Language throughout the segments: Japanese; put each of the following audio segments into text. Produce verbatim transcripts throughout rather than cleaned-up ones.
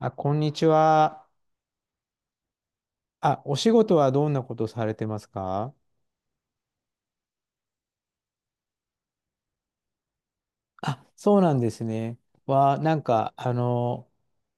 あ、こんにちは。あ、お仕事はどんなことされてますか？あ、そうなんですね。は、なんか、あの、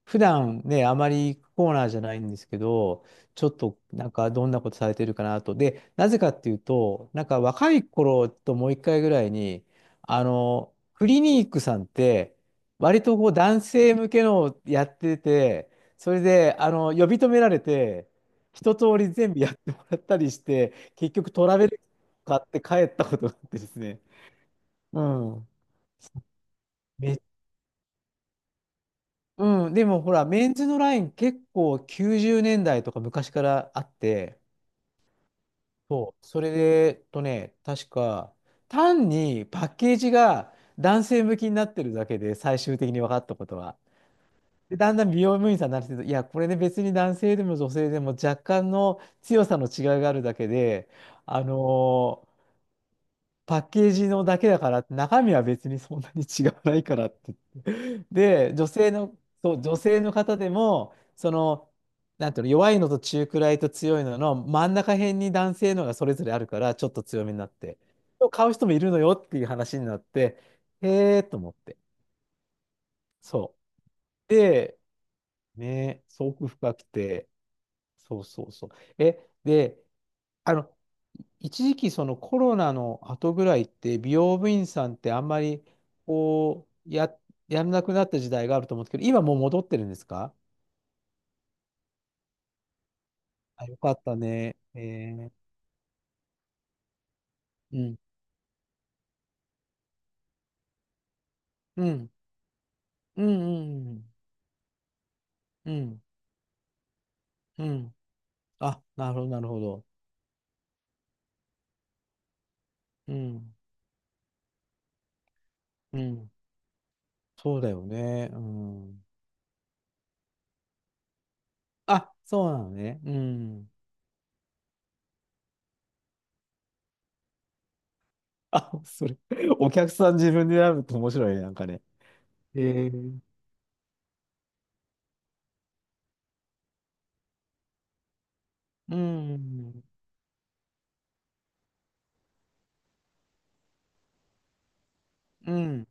普段ね、あまり行くコーナーじゃないんですけど、ちょっと、なんか、どんなことされてるかなと。で、なぜかっていうと、なんか、若い頃ともう一回ぐらいに、あの、クリニックさんって、割とこう、男性向けのをやってて、それで、あの、呼び止められて、一通り全部やってもらったりして、結局、トラベル買って帰ったことがあってですね。うん。めうん、でもほら、メンズのライン結構きゅうじゅうねんだいとか昔からあって、そう、それで、えっとね、確か、単にパッケージが男性向きになってるだけで、最終的に分かったことは。で、だんだん美容部員さんになってると、いや、これね、別に男性でも女性でも若干の強さの違いがあるだけで、あのーパッケージのだけだから、中身は別にそんなに違わないからってで、女性の、そう、女性の方でも、その、なんていうの、弱いのと中くらいと強いのの真ん中辺に男性のがそれぞれあるから、ちょっと強めになって。買う人もいるのよっていう話になって、へえーと思って。そう。で、ね、すごく深くて、そうそうそう。え、で、あの、一時期そのコロナの後ぐらいって美容部員さんってあんまりこうや、やらなくなった時代があると思うんですけど、今もう戻ってるんですか？あ、よかったね。えー、うん。うん。うん。うん。うん。うん。あ、なるほど、なるほど。うん。うん。そうだよね。うん。あ、そうなのね。うん。あ、それ、お客さん自分で選ぶと面白いね、なんかね。えー、うん。うん。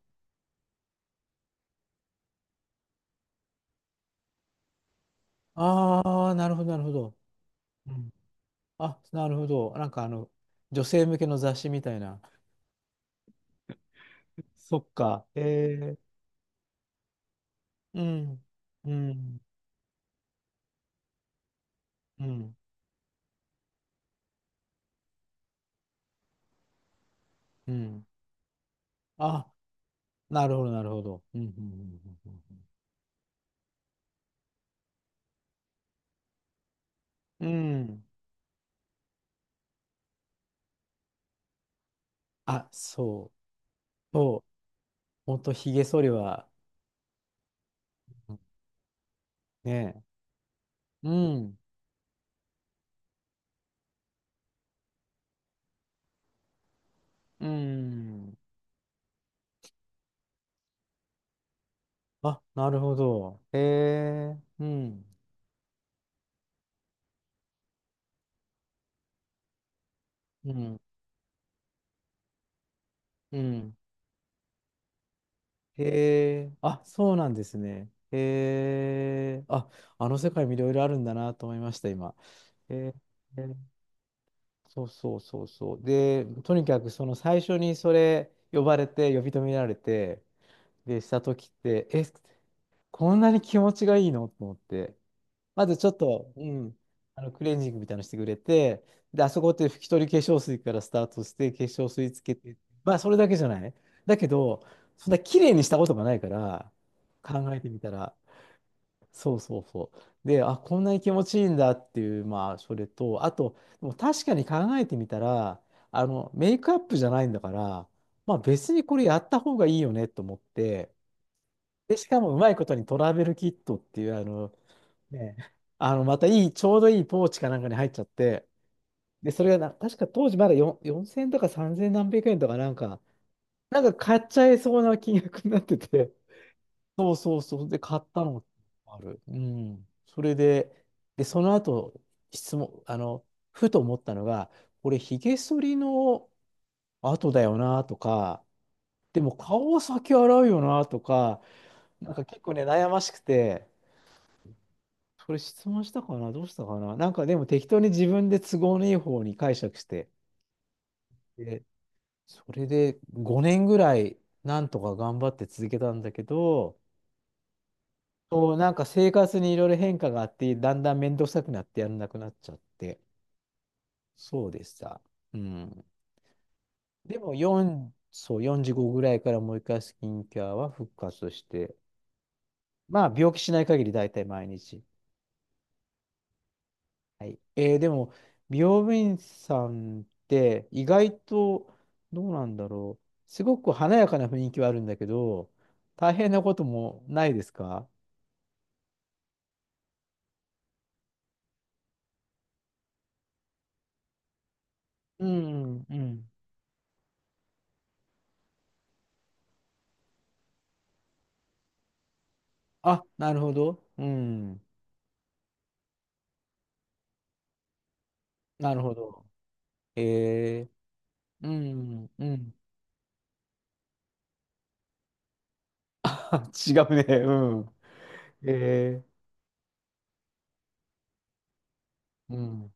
ああ、なるほど、なるほど。うん。あ、なるほど。なんかあの、女性向けの雑誌みたいな。そっか。えー、うん。うん。うん。うん。あ、なるほど、なるほど。うん、うん、うん、うんうん。うん。あ、そう。そう。ほんと、ひげ剃りは、ね。うん、うん。あ、なるほど。へえ、うん、うん、うん。へえ、あ、そうなんですね。へえ、あ、あの世界もいろいろあるんだなと思いました、今。へえ、そうそうそうそう。で、とにかく、その最初にそれ呼ばれて、呼び止められて、で、した時って、え、こんなに気持ちがいいのと思って。まずちょっと、うん、あのクレンジングみたいなのしてくれて、で、あそこって拭き取り化粧水からスタートして、化粧水つけて、まあ、それだけじゃない。だけど、そんな綺麗にしたことがないから、考えてみたら、そうそうそう。で、あ、こんなに気持ちいいんだっていう、まあ、それと、あと、でも確かに考えてみたら、あの、メイクアップじゃないんだから、まあ、別にこれやった方がいいよねと思って、で、しかもうまいことにトラベルキットっていう、あの、ね、あの、またいい、ちょうどいいポーチかなんかに入っちゃって、で、それがな、確か当時まだよん よんせんえんとかさんぜん何百円とかなんか、なんか買っちゃいそうな金額になってて、そうそうそう、で、買ったのもある。うん。それで、で、その後、質問、あの、ふと思ったのが、これ、ひげ剃りの後だよなとか、でも顔は先洗うよなとか、なんか結構ね、悩ましくて、それ質問したかなどうしたかななんかでも適当に自分で都合のいい方に解釈して、で、それでごねんぐらいなんとか頑張って続けたんだけど、そう、なんか生活にいろいろ変化があって、だんだん面倒くさくなってやらなくなっちゃって、そうでした。うん。でもよん、そう、よんじゅうごぐらいからもう一回スキンケアは復活して、まあ病気しない限り大体毎日。はい。えーでも、美容部員さんって意外とどうなんだろう。すごく華やかな雰囲気はあるんだけど、大変なこともないですか？うん、うん。あ、なるほど。うん。なるほど。えー、うん、うん。あ、違うね。うん。えー、うん。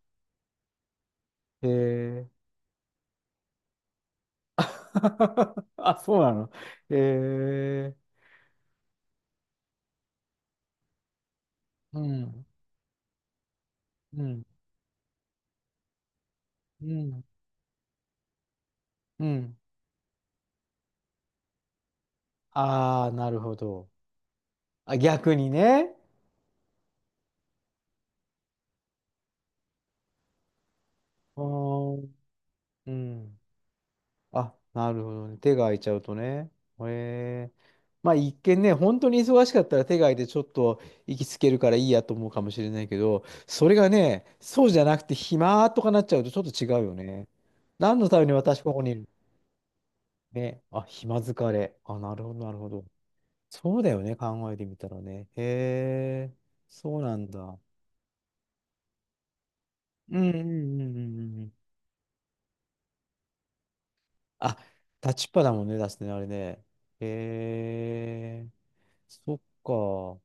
えー。あ、そうなの。えー、うん、うん、うん、うん。ああ、なるほど。あ、逆にね。あー、うん。あ、なるほどね。手が空いちゃうとね。へえ。まあ一見ね、本当に忙しかったら手が空いてちょっと息つけるからいいやと思うかもしれないけど、それがね、そうじゃなくて暇とかなっちゃうとちょっと違うよね。何のために私ここにいる？ね。あ、暇疲れ。あ、なるほど、なるほど。そうだよね、考えてみたらね。へえ、そうなんだ。うんうんうんうんうん。あ、立ちっぱだもんね、出すね、あれね。へえ。そっか。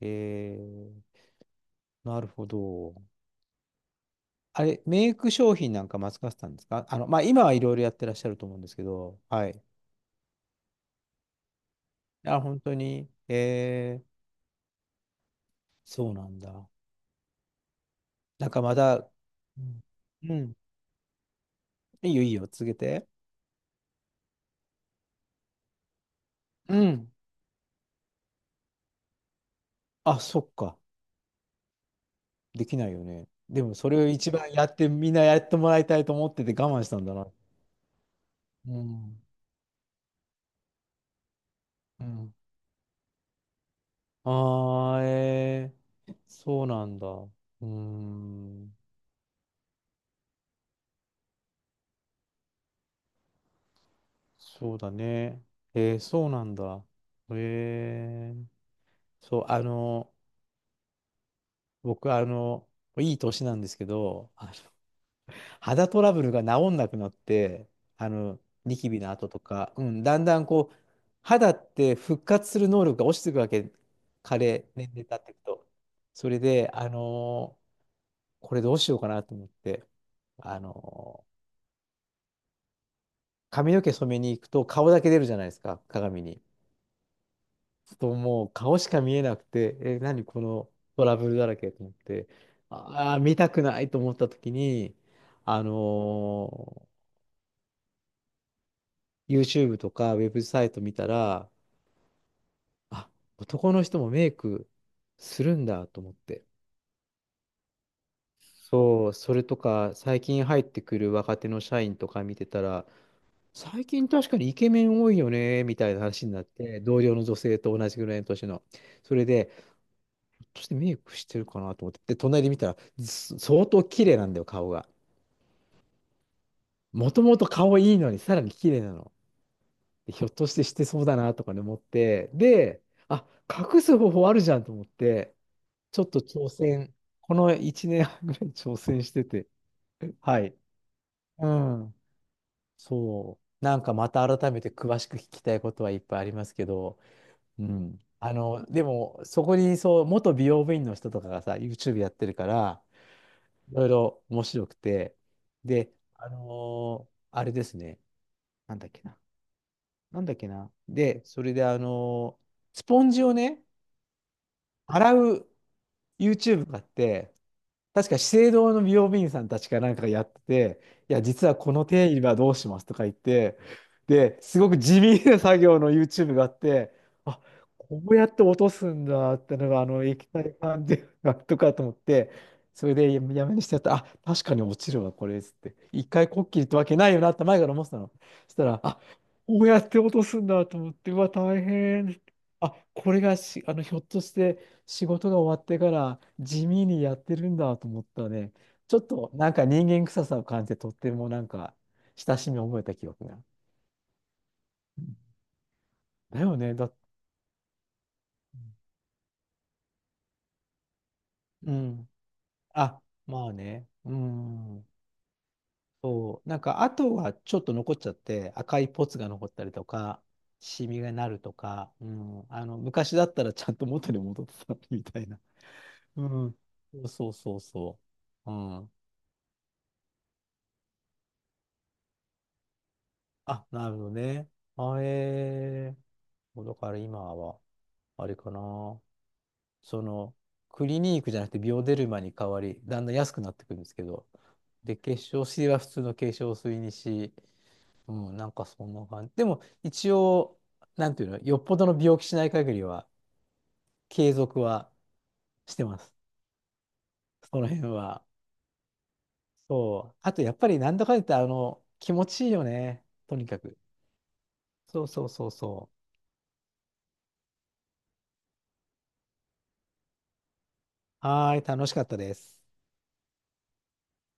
えー、なるほど。あれ、メイク商品なんかマスカさんですか？あの、まあ、今はいろいろやってらっしゃると思うんですけど、はい。あ、本当に、えー、そうなんだ。なんかまだ、うん、うん。いいよ、いいよ、続けて。うん。あ、そっか。できないよね。でも、それを一番やって、みんなやってもらいたいと思ってて我慢したんだな。うん。うん。ああ、えー、そうなんだ。うーん、そうだね。えー、そうなんだ。えー、そう、あの、僕、あの、いい年なんですけど、あの肌トラブルが治んなくなって、あの、ニキビの跡とか、うん、だんだんこう、肌って復活する能力が落ちていくわけ、加齢、年齢経っていくと。それで、あの、これどうしようかなと思って、あの、髪の毛染めに行くと顔だけ出るじゃないですか、鏡に。そうもう顔しか見えなくて、え、何このトラブルだらけと思って、ああ、見たくないと思った時に、あのー YouTube とかウェブサイト見たら、あ、男の人もメイクするんだと思って。そう、それとか、最近入ってくる若手の社員とか見てたら、最近確かにイケメン多いよね、みたいな話になって、同僚の女性と同じぐらいの年の。それで、としてメイクしてるかなと思って、で、隣で見たら、す相当綺麗なんだよ、顔が。もともと顔いいのに、さらに綺麗なの。でひょっとしてしてそうだなとかね、思って、で、あ、隠す方法あるじゃんと思って、ちょっと挑戦、このいちねんはんぐらい挑戦してて、はい。うん、そう。なんかまた改めて詳しく聞きたいことはいっぱいありますけど、うん。あの、でも、そこにそう、元美容部員の人とかがさ、YouTube やってるから、いろいろ面白くて、で、あのーあれですね、なんだっけな、なんだっけな、で、それで、あのースポンジをね、洗う YouTube があって、確か資生堂の美容部員さんたちかなんかがやってて、いや、実はこの定理はどうしますとか言って、で、すごく地味な作業の YouTube があって、あ、こうやって落とすんだってのが、あの液体感でとかと思って、それでややめにしてやったら、あ、確かに落ちるわ、これっつって。一回こっきりってわけないよなって前から思ってたの。そしたら、あ、こうやって落とすんだと思って、うわ、大変。あ、これがし、あの、ひょっとして、仕事が終わってから地味にやってるんだと思ったね。ちょっとなんか人間臭さを感じてとってもなんか親しみを覚えた記憶が。うんだよね。だ、うん。あ、まあね。うん。そう。なんかあとはちょっと残っちゃって赤いポツが残ったりとか、シミがなるとか、うん。あの、昔だったらちゃんと元に戻ってたみたいな。うん。そうそうそうそう。うん。あ、なるほどね。あ、えー、だから今は、あれかな。その、クリニークじゃなくてビオデルマに変わり、だんだん安くなってくるんですけど、で、化粧水は普通の化粧水にし、うん、なんかそんな感じ。でも、一応、なんていうの、よっぽどの病気しない限りは、継続はしてます。その辺は。そう。あと、やっぱり、なんだかんだ言って、あの、気持ちいいよね。とにかく。そうそうそうそう。はーい、楽しかったです。